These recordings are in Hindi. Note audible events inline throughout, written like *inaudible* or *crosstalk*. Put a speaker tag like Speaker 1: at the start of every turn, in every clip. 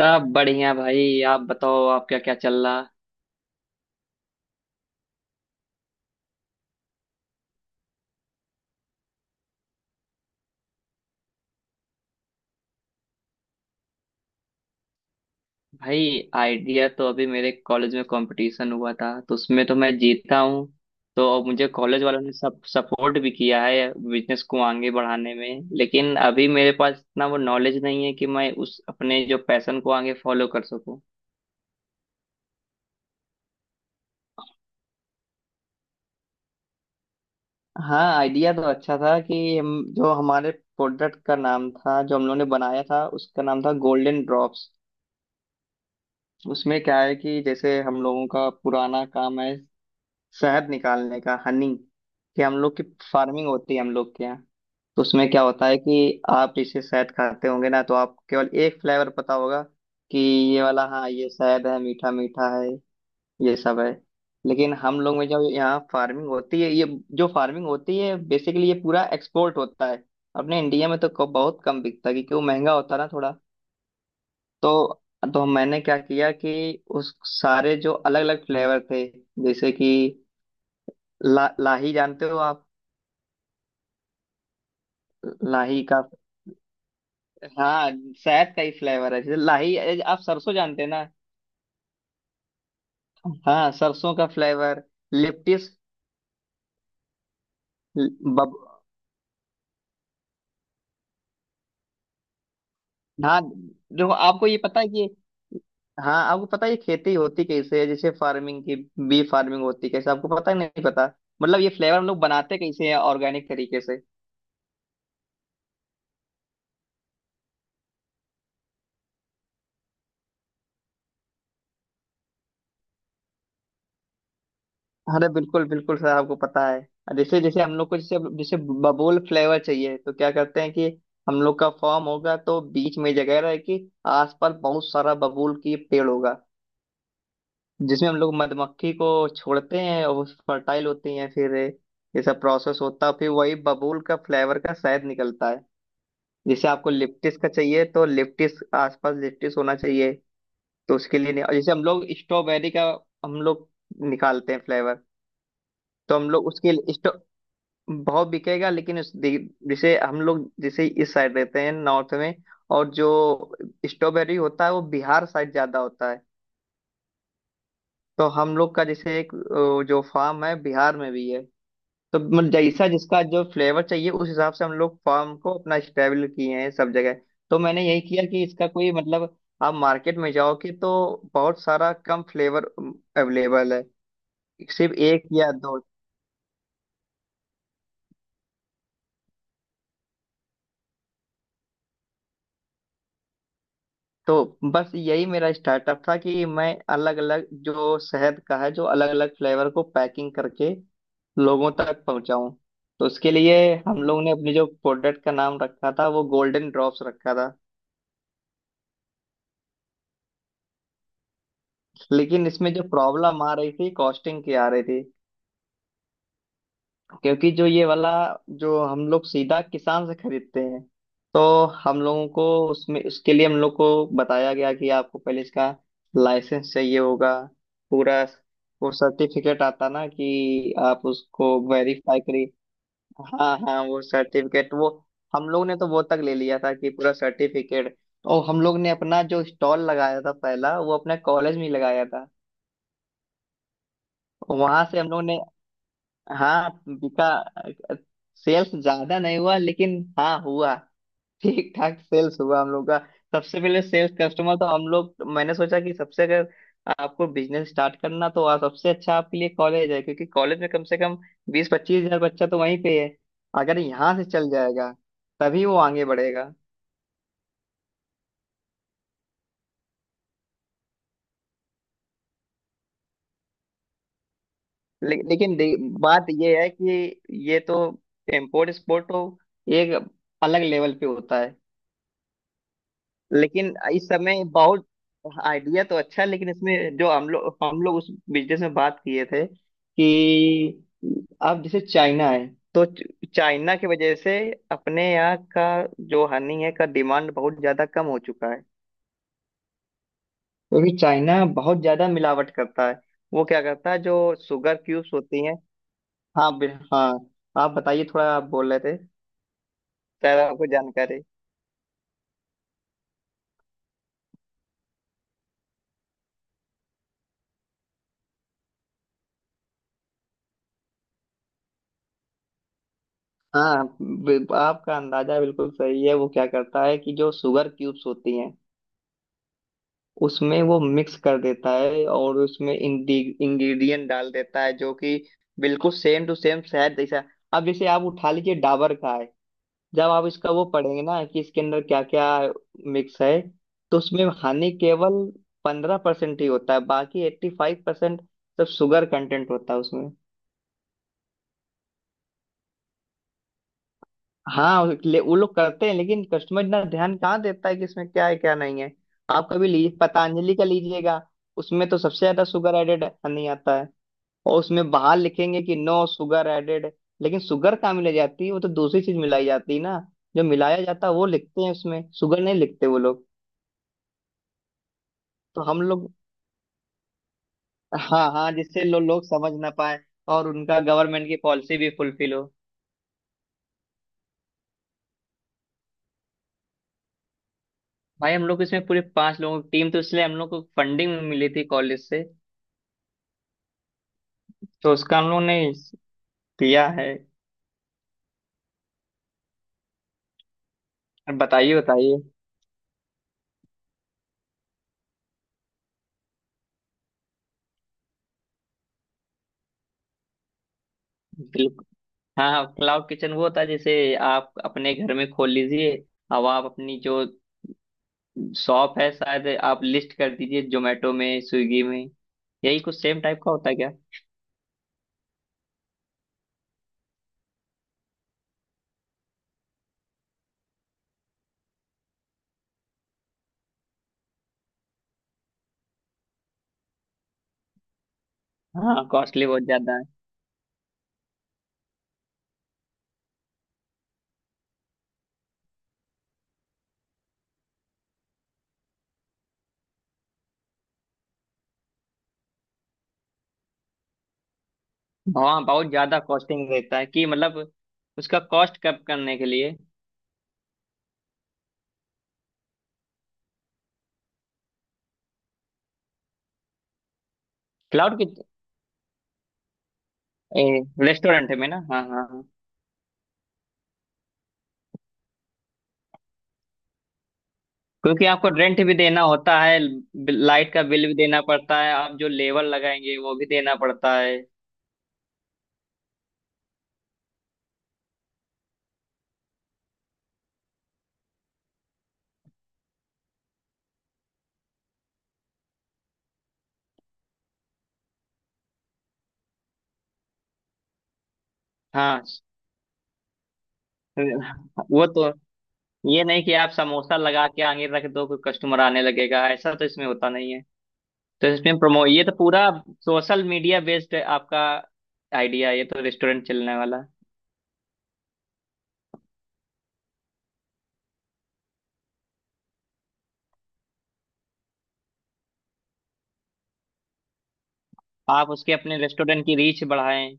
Speaker 1: सब बढ़िया भाई। आप बताओ, आप क्या क्या चल रहा। भाई आइडिया तो अभी मेरे कॉलेज में कंपटीशन हुआ था तो उसमें तो मैं जीता हूँ। तो अब मुझे कॉलेज वालों ने सब सपोर्ट भी किया है बिजनेस को आगे बढ़ाने में, लेकिन अभी मेरे पास इतना वो नॉलेज नहीं है कि मैं उस अपने जो पैशन को आगे फॉलो कर सकूं। हाँ आइडिया तो अच्छा था कि हम, जो हमारे प्रोडक्ट का नाम था जो हम लोगों ने बनाया था उसका नाम था गोल्डन ड्रॉप्स। उसमें क्या है कि जैसे हम लोगों का पुराना काम है शहद निकालने का, हनी, कि हम लोग की फार्मिंग होती है हम लोग के यहाँ। तो उसमें क्या होता है कि आप इसे शहद खाते होंगे ना तो आपको केवल एक फ्लेवर पता होगा कि ये वाला, हाँ ये शहद है मीठा मीठा है, ये सब है। लेकिन हम लोग में जो यहाँ फार्मिंग होती है ये, जो फार्मिंग होती है बेसिकली ये पूरा एक्सपोर्ट होता है। अपने इंडिया में तो बहुत कम बिकता है, क्योंकि वो महंगा होता है ना थोड़ा। तो तो मैंने क्या किया कि उस सारे जो अलग अलग फ्लेवर थे, जैसे कि लाही जानते हो आप। लाही का? हाँ, शहद का ही फ्लेवर है, जैसे लाही। आप सरसों जानते हैं ना। हाँ सरसों का फ्लेवर, लिप्टिस, बब। हाँ देखो आपको ये पता है कि, हाँ आपको पता है ये खेती होती कैसे है, जैसे फार्मिंग की, बी फार्मिंग होती कैसे आपको पता है नहीं पता, मतलब ये फ्लेवर हम लोग बनाते कैसे हैं ऑर्गेनिक तरीके से। अरे बिल्कुल बिल्कुल सर, आपको पता है जैसे जैसे हम लोग को जैसे जैसे बबूल फ्लेवर चाहिए तो क्या करते हैं कि हम लोग का फॉर्म होगा तो बीच में जगह रहेगी, आसपास बहुत सारा बबूल की पेड़ होगा जिसमें हम लोग मधुमक्खी को छोड़ते हैं और फर्टाइल होती हैं, फिर ये सब प्रोसेस होता है फिर वही बबूल का फ्लेवर का शहद निकलता है। जैसे आपको लिप्टिस का चाहिए तो लिप्टिस आसपास लिप्टिस होना चाहिए। तो उसके लिए नहीं- और जैसे हम लोग स्ट्रॉबेरी का हम लोग निकालते हैं फ्लेवर, तो हम लोग उसके भाव बिकेगा, लेकिन जैसे हम लोग जैसे इस साइड रहते हैं नॉर्थ में और जो स्ट्रॉबेरी होता है वो बिहार साइड ज्यादा होता है। तो हम लोग का जैसे एक जो फार्म है बिहार में भी है। तो मतलब जैसा जिसका जो फ्लेवर चाहिए उस हिसाब से हम लोग फार्म को अपना स्टेबल किए हैं सब जगह। तो मैंने यही किया कि इसका कोई मतलब, आप मार्केट में जाओगे तो बहुत सारा कम फ्लेवर अवेलेबल है, सिर्फ एक या दो। तो बस यही मेरा स्टार्टअप था कि मैं अलग अलग जो शहद का है जो अलग अलग फ्लेवर को पैकिंग करके लोगों तक पहुंचाऊं। तो उसके लिए हम लोग ने अपने जो प्रोडक्ट का नाम रखा था वो गोल्डन ड्रॉप्स रखा था। लेकिन इसमें जो प्रॉब्लम आ रही थी कॉस्टिंग की आ रही थी, क्योंकि जो ये वाला जो हम लोग सीधा किसान से खरीदते हैं, तो हम लोगों को उसमें उसके लिए हम लोग को बताया गया कि आपको पहले इसका लाइसेंस चाहिए होगा पूरा, वो सर्टिफिकेट आता ना कि आप उसको वेरीफाई करिए। हाँ हाँ वो सर्टिफिकेट, वो हम लोग ने तो वो तक ले लिया था कि पूरा सर्टिफिकेट। और हम लोग ने अपना जो स्टॉल लगाया था पहला वो अपने कॉलेज में ही लगाया था। वहां से हम लोग ने, हाँ बिका। सेल्स ज्यादा नहीं हुआ लेकिन हाँ हुआ, ठीक ठाक सेल्स हुआ हम लोग का। सबसे पहले सेल्स कस्टमर तो हम लोग, मैंने सोचा कि सबसे अगर आपको बिजनेस स्टार्ट करना तो वहाँ सबसे अच्छा आपके लिए कॉलेज है, क्योंकि कॉलेज में कम से कम 20-25 हजार बच्चा तो वहीं पे है। अगर यहाँ से चल जाएगा तभी वो आगे बढ़ेगा। लेकिन बात ये है कि ये तो इम्पोर्ट एक्सपोर्ट तो एक अलग लेवल पे होता है। लेकिन इस समय बहुत, आइडिया तो अच्छा है, लेकिन इसमें जो हम लोग उस बिजनेस में बात किए थे कि अब जैसे चाइना है, तो चाइना की वजह से अपने यहाँ का जो हनी है का डिमांड बहुत ज्यादा कम हो चुका है, क्योंकि चाइना बहुत ज्यादा मिलावट करता है। वो क्या करता है, जो शुगर क्यूब्स होती हैं। हाँ, आप बताइए थोड़ा, आप बोल रहे थे, शायद आपको जानकारी। आपका अंदाजा बिल्कुल सही है, वो क्या करता है कि जो शुगर क्यूब्स होती हैं उसमें वो मिक्स कर देता है और उसमें इंग्रेडिएंट डाल देता है जो कि बिल्कुल सेम टू सेम शहद जैसा। अब जैसे आप उठा लीजिए डाबर का है, जब आप इसका वो पढ़ेंगे ना कि इसके अंदर क्या क्या मिक्स है, तो उसमें हानि केवल 15% ही होता है, बाकी 85% सब शुगर कंटेंट होता है उसमें। वो लोग करते हैं लेकिन कस्टमर इतना ध्यान कहाँ देता है कि इसमें क्या है क्या नहीं है। आप कभी लीजिए, पतंजलि का लीजिएगा, उसमें तो सबसे ज्यादा शुगर एडेड नहीं आता है और उसमें बाहर लिखेंगे कि नो शुगर एडेड। लेकिन शुगर कहाँ मिलाई जाती है, वो तो दूसरी चीज मिलाई जाती है ना, जो मिलाया जाता है वो लिखते हैं उसमें, शुगर नहीं लिखते वो लोग। तो हम लोग, हाँ हाँ, जिससे लोग समझ ना पाए, और उनका गवर्नमेंट की पॉलिसी भी फुलफिल हो। भाई हम लोग इसमें पूरे पांच लोगों की टीम, तो इसलिए हम लोग को फंडिंग मिली थी कॉलेज से। तो उसका हम लोग ने किया है। बताइए बताइए। बिल्कुल, हाँ हाँ क्लाउड किचन वो होता है जैसे आप अपने घर में खोल लीजिए, अब आप अपनी जो शॉप है शायद आप लिस्ट कर दीजिए जोमेटो में स्विगी में। यही कुछ सेम टाइप का होता है क्या? हाँ कॉस्टली बहुत ज्यादा है। हाँ बहुत ज्यादा कॉस्टिंग रहता है, कि मतलब उसका कॉस्ट कम करने के लिए, क्लाउड की रेस्टोरेंट में ना, हाँ हाँ हाँ, क्योंकि आपको रेंट भी देना होता है, लाइट का बिल भी देना पड़ता है, आप जो लेबर लगाएंगे वो भी देना पड़ता है। हाँ वो तो, ये नहीं कि आप समोसा लगा के आगे रख दो कोई कस्टमर आने लगेगा, ऐसा तो इसमें होता नहीं है। तो इसमें प्रमो ये तो पूरा सोशल मीडिया बेस्ड है आपका आइडिया, ये तो रेस्टोरेंट चलने वाला, आप उसके अपने रेस्टोरेंट की रीच बढ़ाएं।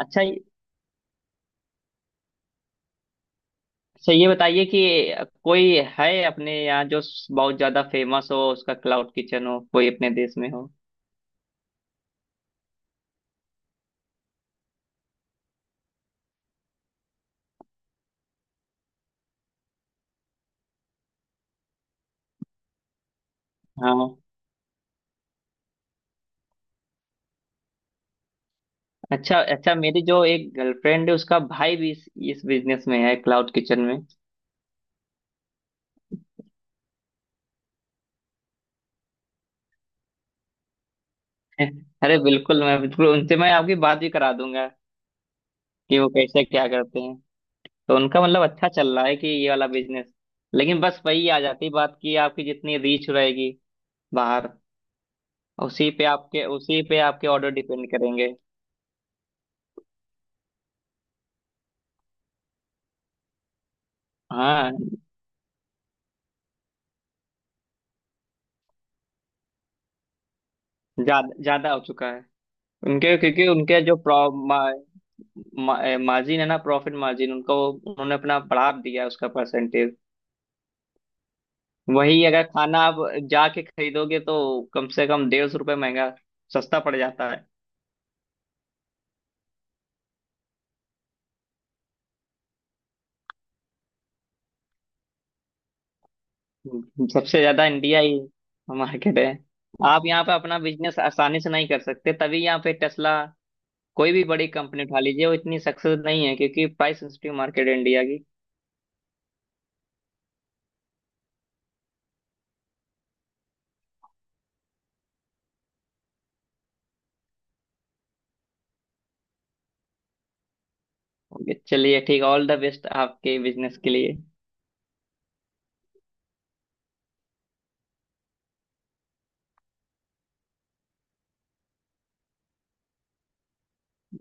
Speaker 1: अच्छा ये- अच्छा ये बताइए कि कोई है अपने यहाँ जो बहुत ज्यादा फेमस हो, उसका क्लाउड किचन हो कोई अपने देश में हो? हाँ, अच्छा अच्छा, मेरी जो एक गर्लफ्रेंड है उसका भाई भी इस बिजनेस में है, क्लाउड किचन में। *laughs* अरे बिल्कुल, मैं बिल्कुल उनसे, मैं आपकी बात भी करा दूंगा कि वो कैसे क्या करते हैं। तो उनका मतलब अच्छा चल रहा है कि ये वाला बिजनेस, लेकिन बस वही आ जाती बात कि आपकी जितनी रीच रहेगी बाहर, उसी पे आपके ऑर्डर डिपेंड करेंगे। हाँ ज्यादा ज्यादा हो चुका है, उनके क्योंकि उनके जो मार्जिन है ना प्रॉफिट मार्जिन, उनको उन्होंने अपना बढ़ा दिया है उसका परसेंटेज। वही अगर खाना आप जाके खरीदोगे तो कम से कम 150 रुपये महंगा सस्ता पड़ जाता है। सबसे ज्यादा इंडिया ही मार्केट है। आप यहाँ पे अपना बिजनेस आसानी से नहीं कर सकते, तभी यहाँ पे टेस्ला कोई भी बड़ी कंपनी उठा लीजिए वो इतनी सक्सेस नहीं है, क्योंकि प्राइस सेंसिटिव मार्केट है इंडिया की। ओके, चलिए ठीक, ऑल द बेस्ट आपके बिजनेस के लिए।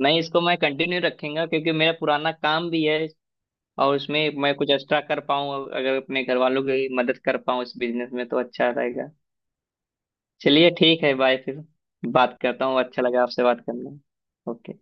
Speaker 1: नहीं इसको मैं कंटिन्यू रखूंगा क्योंकि मेरा पुराना काम भी है, और उसमें मैं कुछ एक्स्ट्रा कर पाऊँ, अगर अपने घर वालों की मदद कर पाऊँ इस बिजनेस में तो अच्छा रहेगा। चलिए ठीक है, बाय फिर, बात करता हूँ, अच्छा लगा आपसे बात करना। ओके।